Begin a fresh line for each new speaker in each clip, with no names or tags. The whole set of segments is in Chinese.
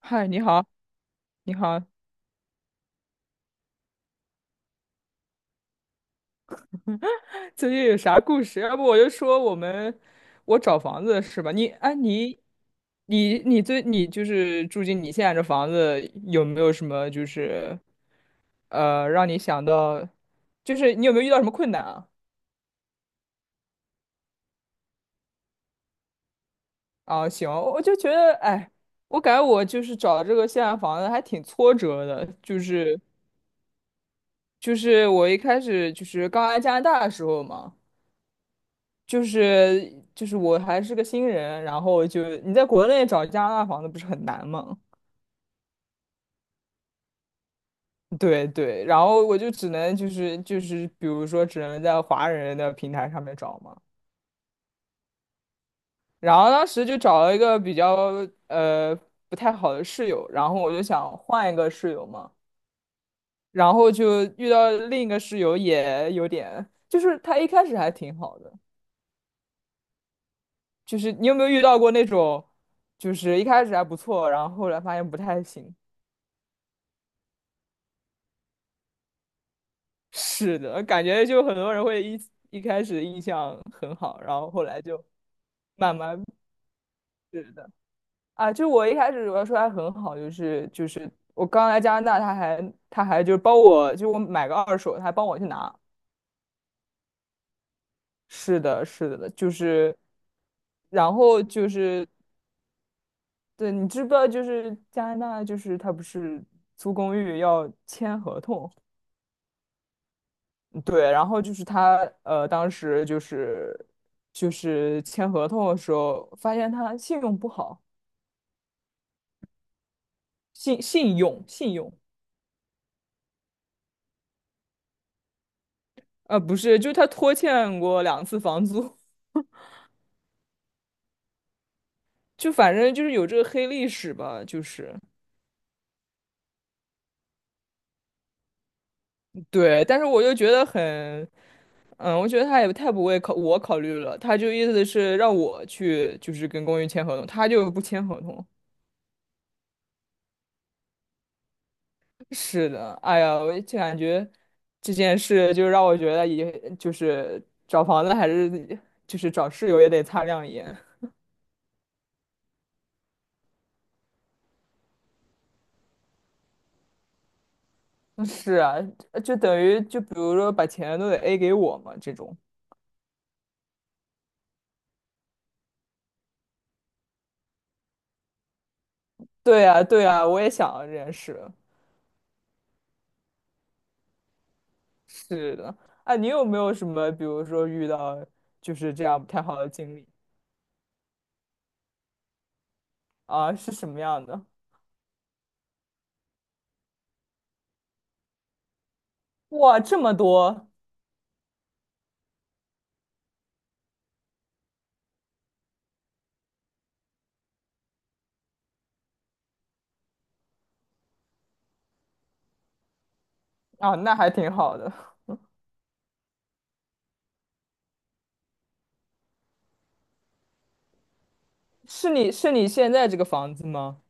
嗨，你好，你好，最近有啥故事？要不我就说我们，我找房子是吧？你，哎，你，你，你最，你就是住进你现在这房子，有没有什么就是，让你想到，就是你有没有遇到什么困难啊？啊，行，我就觉得，哎，我感觉我就是找这个现在房子还挺挫折的，就是我一开始就是刚来加拿大的时候嘛。就是我还是个新人，然后就你在国内找加拿大房子不是很难吗？对对，然后我就只能就是比如说只能在华人的平台上面找嘛，然后当时就找了一个比较呃不太好的室友，然后我就想换一个室友嘛，然后就遇到另一个室友也有点，就是他一开始还挺好的，就是你有没有遇到过那种，就是一开始还不错，然后后来发现不太行。是的，感觉就很多人会一开始印象很好，然后后来就慢慢。是的啊。就我一开始我要说他很好，就是我刚来加拿大，他还就是帮我，就我买个二手，他还帮我去拿。是的，是的，就是然后就是对，你知不知道就是加拿大就是他不是租公寓要签合同？对，然后就是他，当时就是签合同的时候，发现他信用不好。信用，不是，就是他拖欠过两次房租。就反正就是有这个黑历史吧，就是对，但是我就觉得很，嗯，我觉得他也太不为考我考虑了，他就意思是让我去就是跟公寓签合同，他就不签合同。是的，哎呀，我就感觉这件事就让我觉得也，就是找房子还是就是找室友也得擦亮眼。嗯是啊，就等于就比如说把钱都得 A 给我嘛，这种。对呀，对呀，我也想到这件事。是的，哎，你有没有什么，比如说遇到就是这样不太好的经历？啊？是什么样的？哇，这么多啊，那还挺好的。是你现在这个房子吗？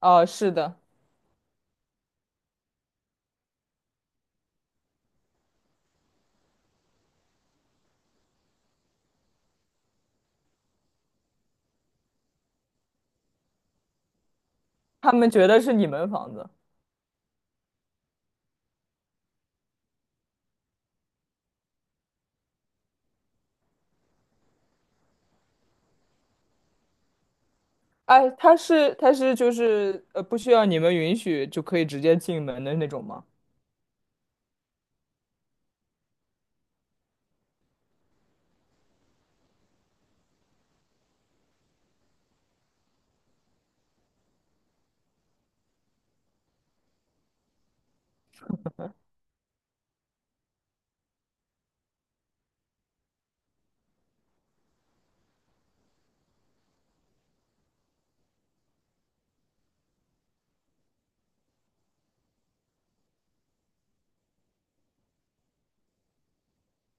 哦，是的。他们觉得是你们房子。哎，他是就是，不需要你们允许就可以直接进门的那种吗？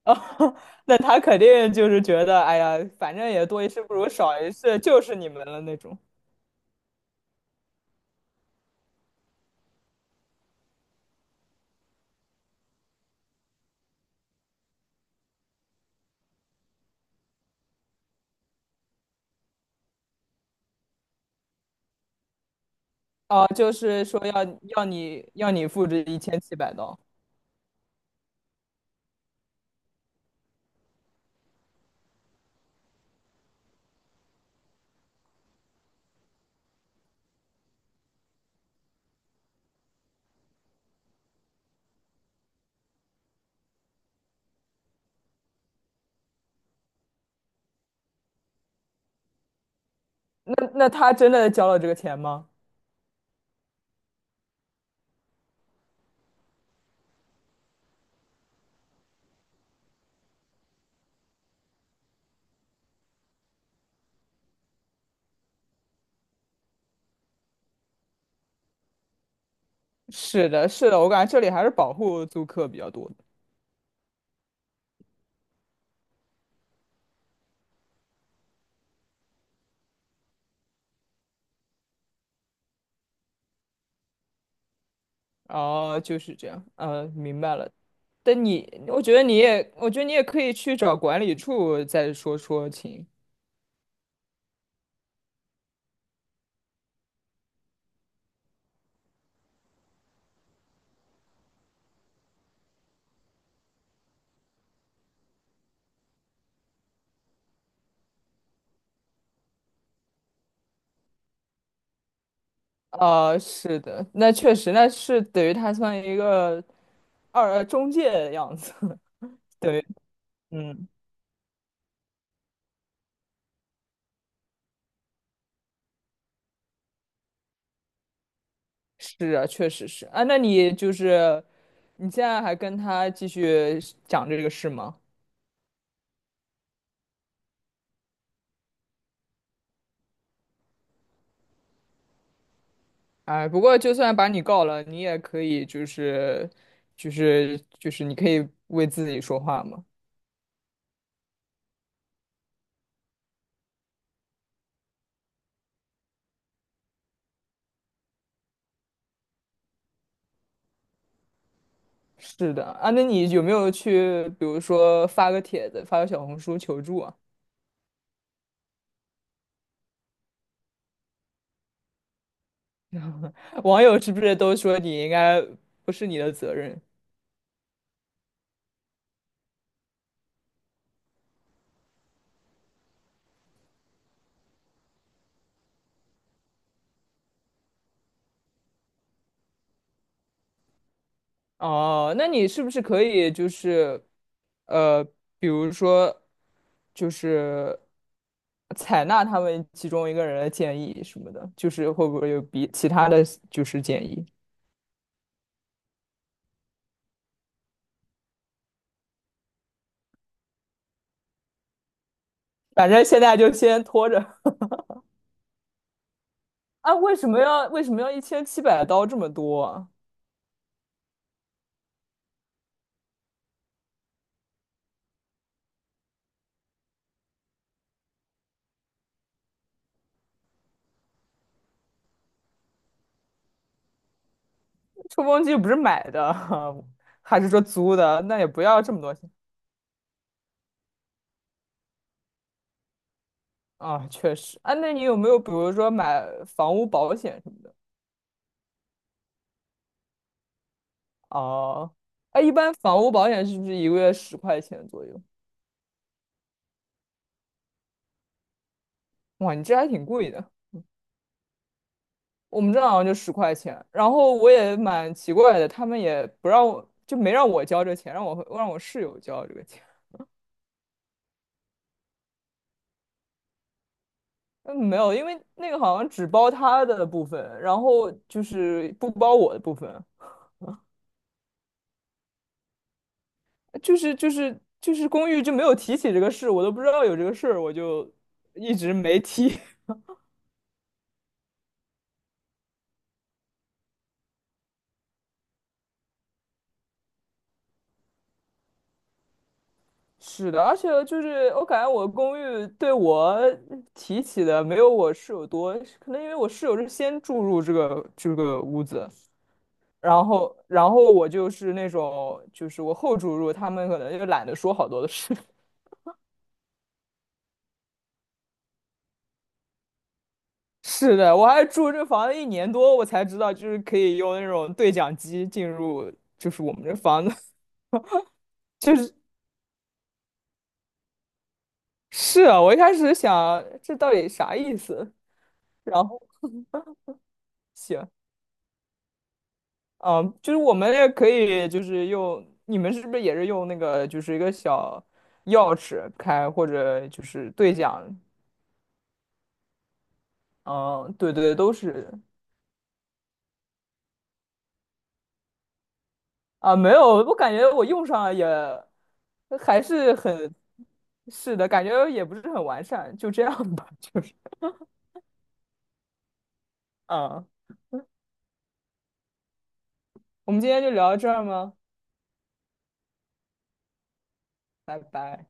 啊，那他肯定就是觉得，哎呀，反正也多一事不如少一事，就是你们了那种。哦，就是说要要你付这一千七百刀。那他真的交了这个钱吗？是的，是的，我感觉这里还是保护租客比较多的。哦，就是这样，嗯，明白了。但你，我觉得你也，我觉得你也可以去找管理处再说说情。啊，是的，那确实，那是等于他算一个中介的样子。对，嗯，是啊，确实是啊。那你就是，你现在还跟他继续讲这个事吗？哎，不过就算把你告了，你也可以就是，就是你可以为自己说话吗？是的啊，那你有没有去，比如说发个帖子，发个小红书求助啊？网友是不是都说你应该不是你的责任？哦，那你是不是可以就是，呃，比如说，就是采纳他们其中一个人的建议什么的，就是会不会有比其他的就是建议？反正现在就先拖着。啊，为什么要一千七百刀这么多啊？吹风机又不是买的，还是说租的？那也不要这么多钱啊，确实啊。那你有没有比如说买房屋保险什么的？哦，哎，一般房屋保险是不是一个月10块钱左右？哇，你这还挺贵的。我们这好像就十块钱，然后我也蛮奇怪的，他们也不让我，就没让我交这钱，让我室友交这个钱。嗯，没有，因为那个好像只包他的部分，然后就是不包我的部分，就是就是公寓就没有提起这个事，我都不知道有这个事儿，我就一直没提。是的，而且就是我感觉我公寓对我提起的没有我室友多，可能因为我室友是先住入这个屋子，然后我就是那种就是我后住入，他们可能就懒得说好多的事。是的，我还住这房子一年多，我才知道就是可以用那种对讲机进入，就是我们这房子。是啊，我一开始想这到底啥意思，然后行。嗯，就是我们也可以，就是用你们是不是也是用那个，就是一个小钥匙开，或者就是对讲？嗯，对对，都是。啊，没有，我感觉我用上也还是很，是的，感觉也不是很完善，就这样吧，就是，啊，我们今天就聊到这儿吗？拜拜。